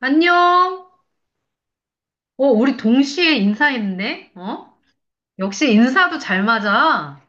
안녕. 어, 우리 동시에 인사했네? 어? 역시 인사도 잘 맞아.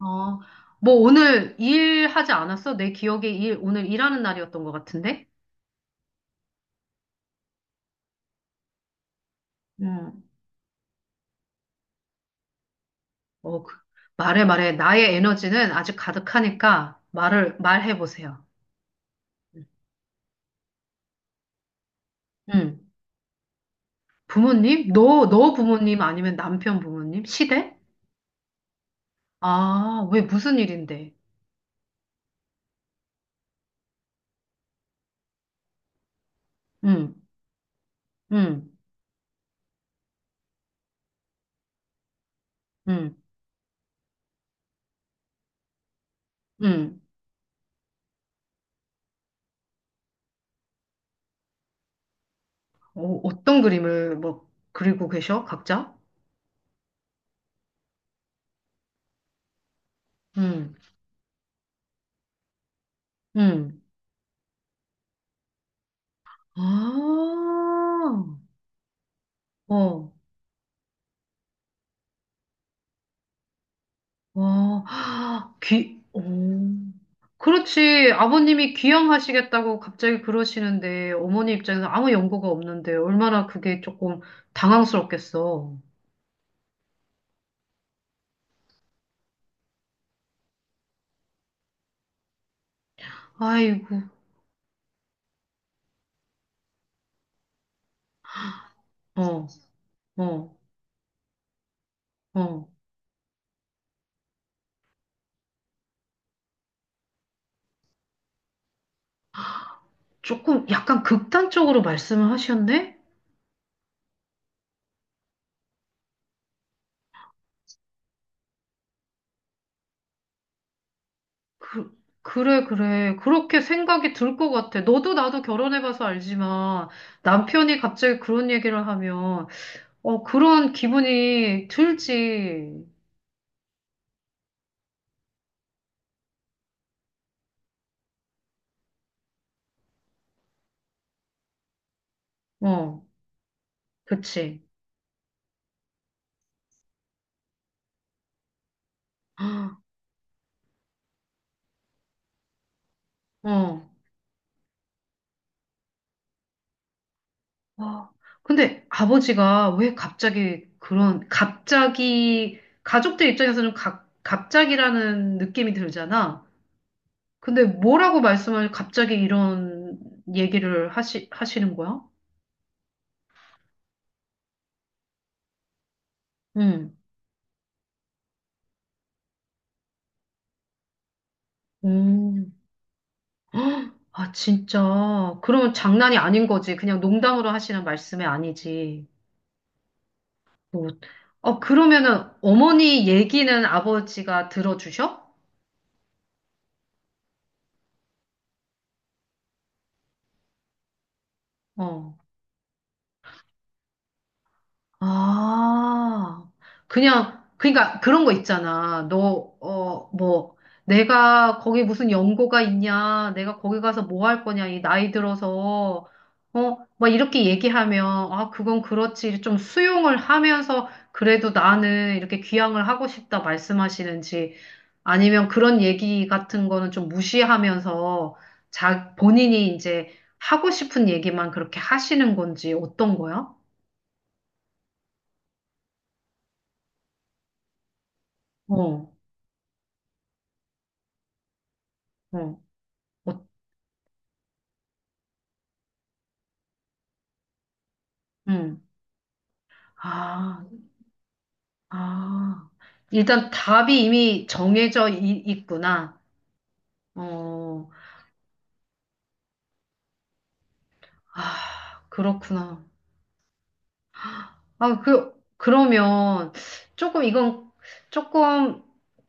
어, 뭐 오늘 일하지 않았어? 내 기억에 오늘 일하는 날이었던 것 같은데? 음. 어, 그- 말해, 말해. 나의 에너지는 아직 가득하니까 말해보세요. 음. 부모님? 너 부모님 아니면 남편 부모님? 시댁? 아, 왜 무슨 일인데? 음, 음, 음, 음. 어, 어떤 그림을 뭐 그리고 계셔? 각자? 응. 응. 아, 어, 와, 아, 오. 그렇지. 아버님이 귀향하시겠다고 갑자기 그러시는데, 어머니 입장에서 아무 연고가 없는데, 얼마나 그게 조금 당황스럽겠어. 아이고, 어, 어, 어. 조금 약간 극단적으로 말씀을 하셨네? 그, 그래, 그래. 그렇게 생각이 들 것 같아. 너도 나도 결혼해봐서 알지만, 남편이 갑자기 그런 얘기를 하면, 그런 기분이 들지. 어, 그치. 어, 어. 근데 아버지가 왜 갑자기 그런, 갑자기, 가족들 입장에서는 갑 갑자기라는 느낌이 들잖아. 근데 뭐라고 말씀을 갑자기 이런 얘기를 하시는 거야? 응. 음. 아, 진짜. 그러면 장난이 아닌 거지. 그냥 농담으로 하시는 말씀이 아니지. 뭐, 그러면은 어머니 얘기는 아버지가 들어주셔? 어. 아, 그냥, 그러니까 그런 거 있잖아. 너, 뭐, 내가 거기 무슨 연고가 있냐, 내가 거기 가서 뭐 할 거냐, 이 나이 들어서, 막 이렇게 얘기하면, 아, 그건 그렇지. 좀 수용을 하면서, 그래도 나는 이렇게 귀향을 하고 싶다 말씀하시는지, 아니면 그런 얘기 같은 거는 좀 무시하면서, 자, 본인이 이제 하고 싶은 얘기만 그렇게 하시는 건지, 어떤 거야? 어, 어. 어, 음. 아, 아. 일단 답이 이미 정해져 있구나. 어, 아, 그렇구나. 아, 그러면 조금 이건 조금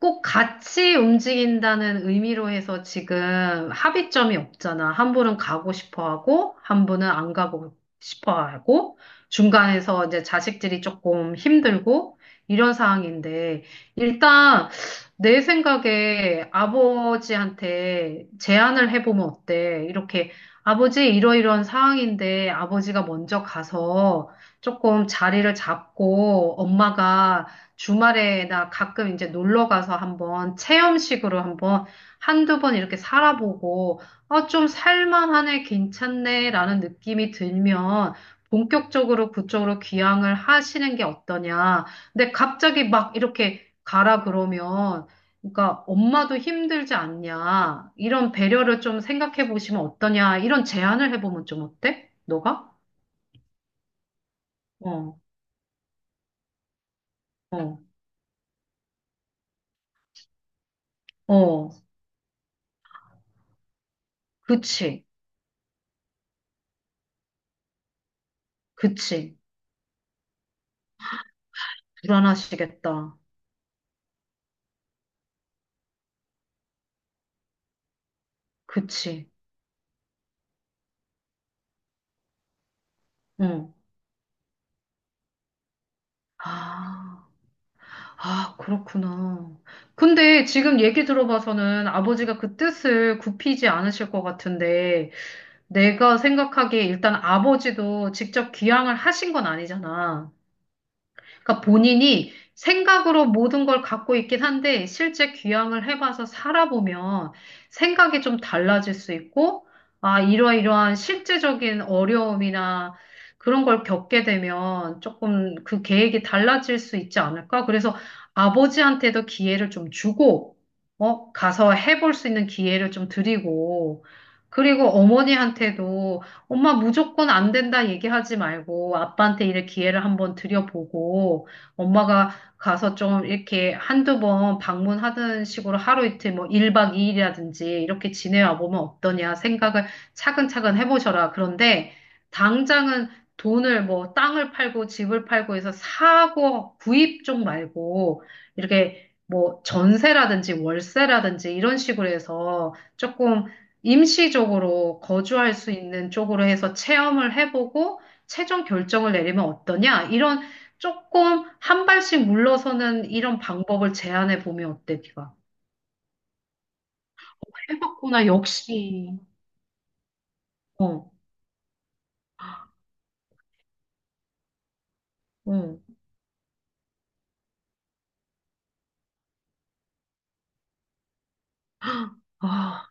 꼭 같이 움직인다는 의미로 해서 지금 합의점이 없잖아. 한 분은 가고 싶어 하고, 한 분은 안 가고 싶어 하고, 중간에서 이제 자식들이 조금 힘들고, 이런 상황인데, 일단 내 생각에 아버지한테 제안을 해보면 어때? 이렇게 아버지 이러이러한 상황인데 아버지가 먼저 가서 조금 자리를 잡고 엄마가 주말에 나 가끔 이제 놀러 가서 한번 체험식으로 한번 한두 번 이렇게 살아보고 아, 좀 살만하네, 괜찮네 라는 느낌이 들면 본격적으로 그쪽으로 귀향을 하시는 게 어떠냐. 근데 갑자기 막 이렇게 가라 그러면 그러니까 엄마도 힘들지 않냐. 이런 배려를 좀 생각해 보시면 어떠냐. 이런 제안을 해보면 좀 어때? 너가? 어, 어. 어. 그치, 그치. 불안하시겠다. 그치. 응. 아, 아, 그렇구나. 근데 지금 얘기 들어봐서는 아버지가 그 뜻을 굽히지 않으실 것 같은데, 내가 생각하기에 일단 아버지도 직접 귀향을 하신 건 아니잖아. 그러니까 본인이 생각으로 모든 걸 갖고 있긴 한데 실제 귀향을 해봐서 살아보면 생각이 좀 달라질 수 있고 아, 이러이러한 실제적인 어려움이나 그런 걸 겪게 되면 조금 그 계획이 달라질 수 있지 않을까? 그래서 아버지한테도 기회를 좀 주고 어, 가서 해볼 수 있는 기회를 좀 드리고 그리고 어머니한테도 엄마 무조건 안 된다 얘기하지 말고 아빠한테 이런 기회를 한번 드려보고 엄마가 가서 좀 이렇게 한두 번 방문하는 식으로 하루 이틀 뭐 1박 2일이라든지 이렇게 지내와 보면 어떠냐 생각을 차근차근 해보셔라. 그런데 당장은 돈을 뭐 땅을 팔고 집을 팔고 해서 사고 구입 쪽 말고 이렇게 뭐 전세라든지 월세라든지 이런 식으로 해서 조금 임시적으로 거주할 수 있는 쪽으로 해서 체험을 해보고 최종 결정을 내리면 어떠냐? 이런 조금 한 발씩 물러서는 이런 방법을 제안해 보면 어때, 네가? 해봤구나, 역시. 어, 어, 아,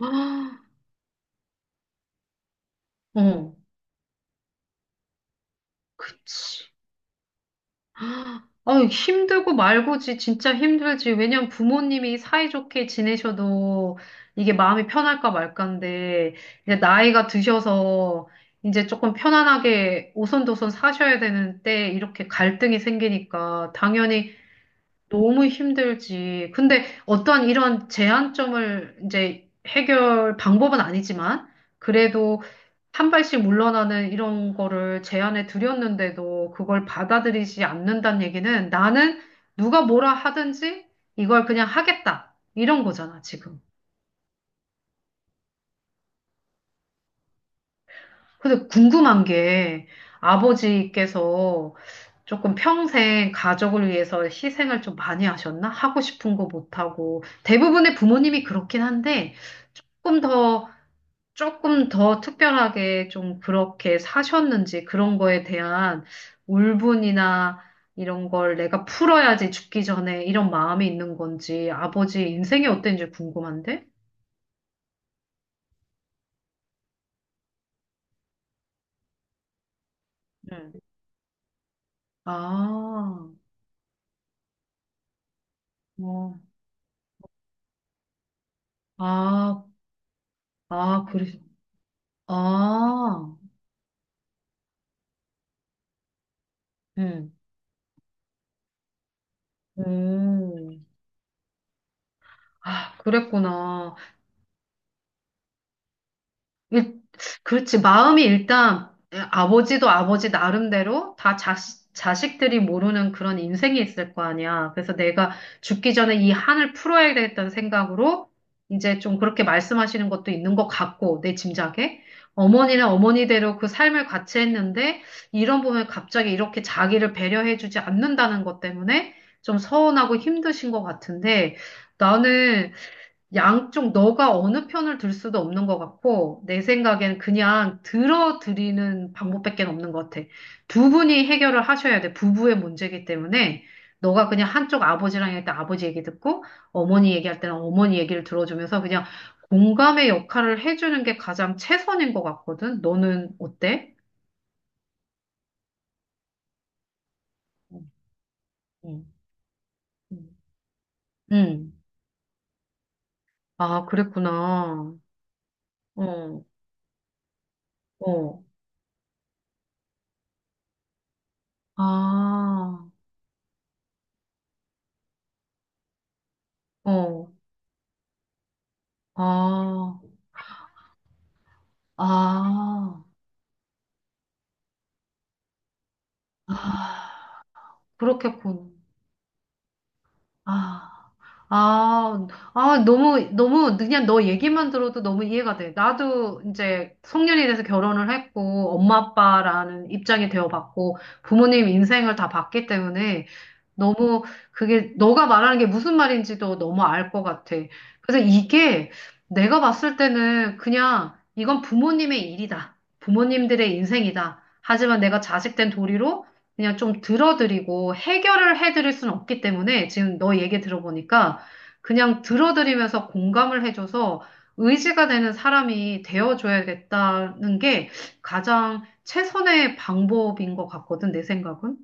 아, 어, 그치. 아, 힘들고 말고지 진짜 힘들지. 왜냐면 부모님이 사이좋게 지내셔도 이게 마음이 편할까 말까인데 이제 나이가 드셔서 이제 조금 편안하게 오손도손 사셔야 되는데 이렇게 갈등이 생기니까 당연히 너무 힘들지. 근데 어떠한 이런 제한점을 이제 해결 방법은 아니지만 그래도 한 발씩 물러나는 이런 거를 제안해 드렸는데도 그걸 받아들이지 않는다는 얘기는 나는 누가 뭐라 하든지 이걸 그냥 하겠다. 이런 거잖아, 지금. 근데 궁금한 게 아버지께서 조금 평생 가족을 위해서 희생을 좀 많이 하셨나? 하고 싶은 거 못하고. 대부분의 부모님이 그렇긴 한데 조금 더, 조금 더 특별하게 좀 그렇게 사셨는지 그런 거에 대한 울분이나 이런 걸 내가 풀어야지 죽기 전에 이런 마음이 있는 건지 아버지 인생이 어땠는지 궁금한데? 응. 아, 어, 아, 아, 그래. 아, 음. 음. 아, 그랬구나. 일- 그렇지. 마음이 일단 아버지도 아버지 나름대로 다 자식, 자식들이 모르는 그런 인생이 있을 거 아니야. 그래서 내가 죽기 전에 이 한을 풀어야겠다는 생각으로 이제 좀 그렇게 말씀하시는 것도 있는 것 같고, 내 짐작에. 어머니는 어머니대로 그 삶을 같이 했는데, 이런 부분에 갑자기 이렇게 자기를 배려해주지 않는다는 것 때문에 좀 서운하고 힘드신 것 같은데, 나는 양쪽 너가 어느 편을 들 수도 없는 것 같고, 내 생각엔 그냥 들어드리는 방법밖에 없는 것 같아. 두 분이 해결을 하셔야 돼. 부부의 문제이기 때문에. 너가 그냥 한쪽 아버지랑 할때 아버지 얘기 듣고, 어머니 얘기할 때는 어머니 얘기를 들어주면서 그냥 공감의 역할을 해주는 게 가장 최선인 것 같거든. 너는 어때? 응 응. 응. 아, 그랬구나. 어, 어. 아, 어, 아. 아, 아, 그렇겠군. 아, 아, 아, 너무, 너무, 그냥 너 얘기만 들어도 너무 이해가 돼. 나도 이제 성년이 돼서 결혼을 했고, 엄마, 아빠라는 입장이 되어봤고, 부모님 인생을 다 봤기 때문에 너무 그게, 너가 말하는 게 무슨 말인지도 너무 알 것 같아. 그래서 이게 내가 봤을 때는 그냥 이건 부모님의 일이다. 부모님들의 인생이다. 하지만 내가 자식 된 도리로 그냥 좀 들어드리고 해결을 해드릴 수는 없기 때문에 지금 너 얘기 들어보니까 그냥 들어드리면서 공감을 해줘서 의지가 되는 사람이 되어줘야겠다는 게 가장 최선의 방법인 것 같거든, 내 생각은.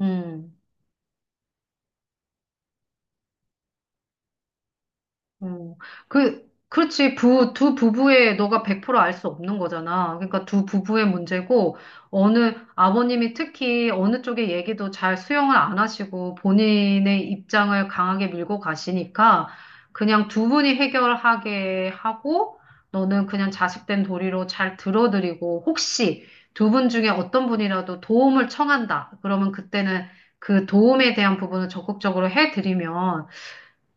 음. 어, 그렇지. 두 부부의 너가 100%알 수 없는 거잖아. 그러니까 두 부부의 문제고, 어느, 아버님이 특히 어느 쪽의 얘기도 잘 수용을 안 하시고, 본인의 입장을 강하게 밀고 가시니까, 그냥 두 분이 해결하게 하고, 너는 그냥 자식된 도리로 잘 들어드리고, 혹시 두 분 중에 어떤 분이라도 도움을 청한다. 그러면 그때는 그 도움에 대한 부분을 적극적으로 해드리면,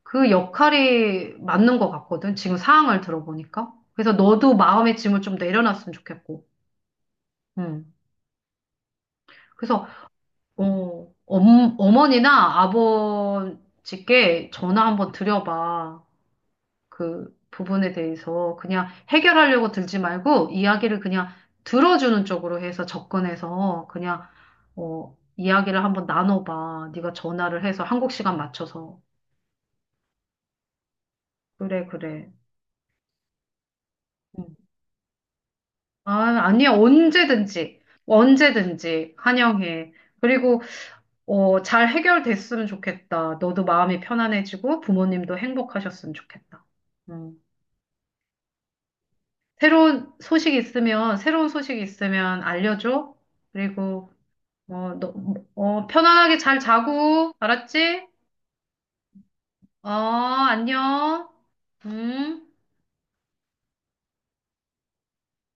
그 역할이 맞는 것 같거든. 지금 상황을 들어보니까. 그래서 너도 마음의 짐을 좀 내려놨으면 좋겠고. 음. 그래서 어머니나 아버지께 전화 한번 드려봐. 그 부분에 대해서 그냥 해결하려고 들지 말고 이야기를 그냥 들어주는 쪽으로 해서 접근해서 그냥 어, 이야기를 한번 나눠봐. 네가 전화를 해서 한국 시간 맞춰서. 그래, 그래. 응. 아, 아니야. 언제든지, 언제든지 환영해. 그리고, 잘 해결됐으면 좋겠다. 너도 마음이 편안해지고 부모님도 행복하셨으면 좋겠다. 음. 새로운 소식 있으면, 새로운 소식 있으면 알려줘. 그리고, 너, 편안하게 잘 자고, 알았지? 어, 안녕. 음.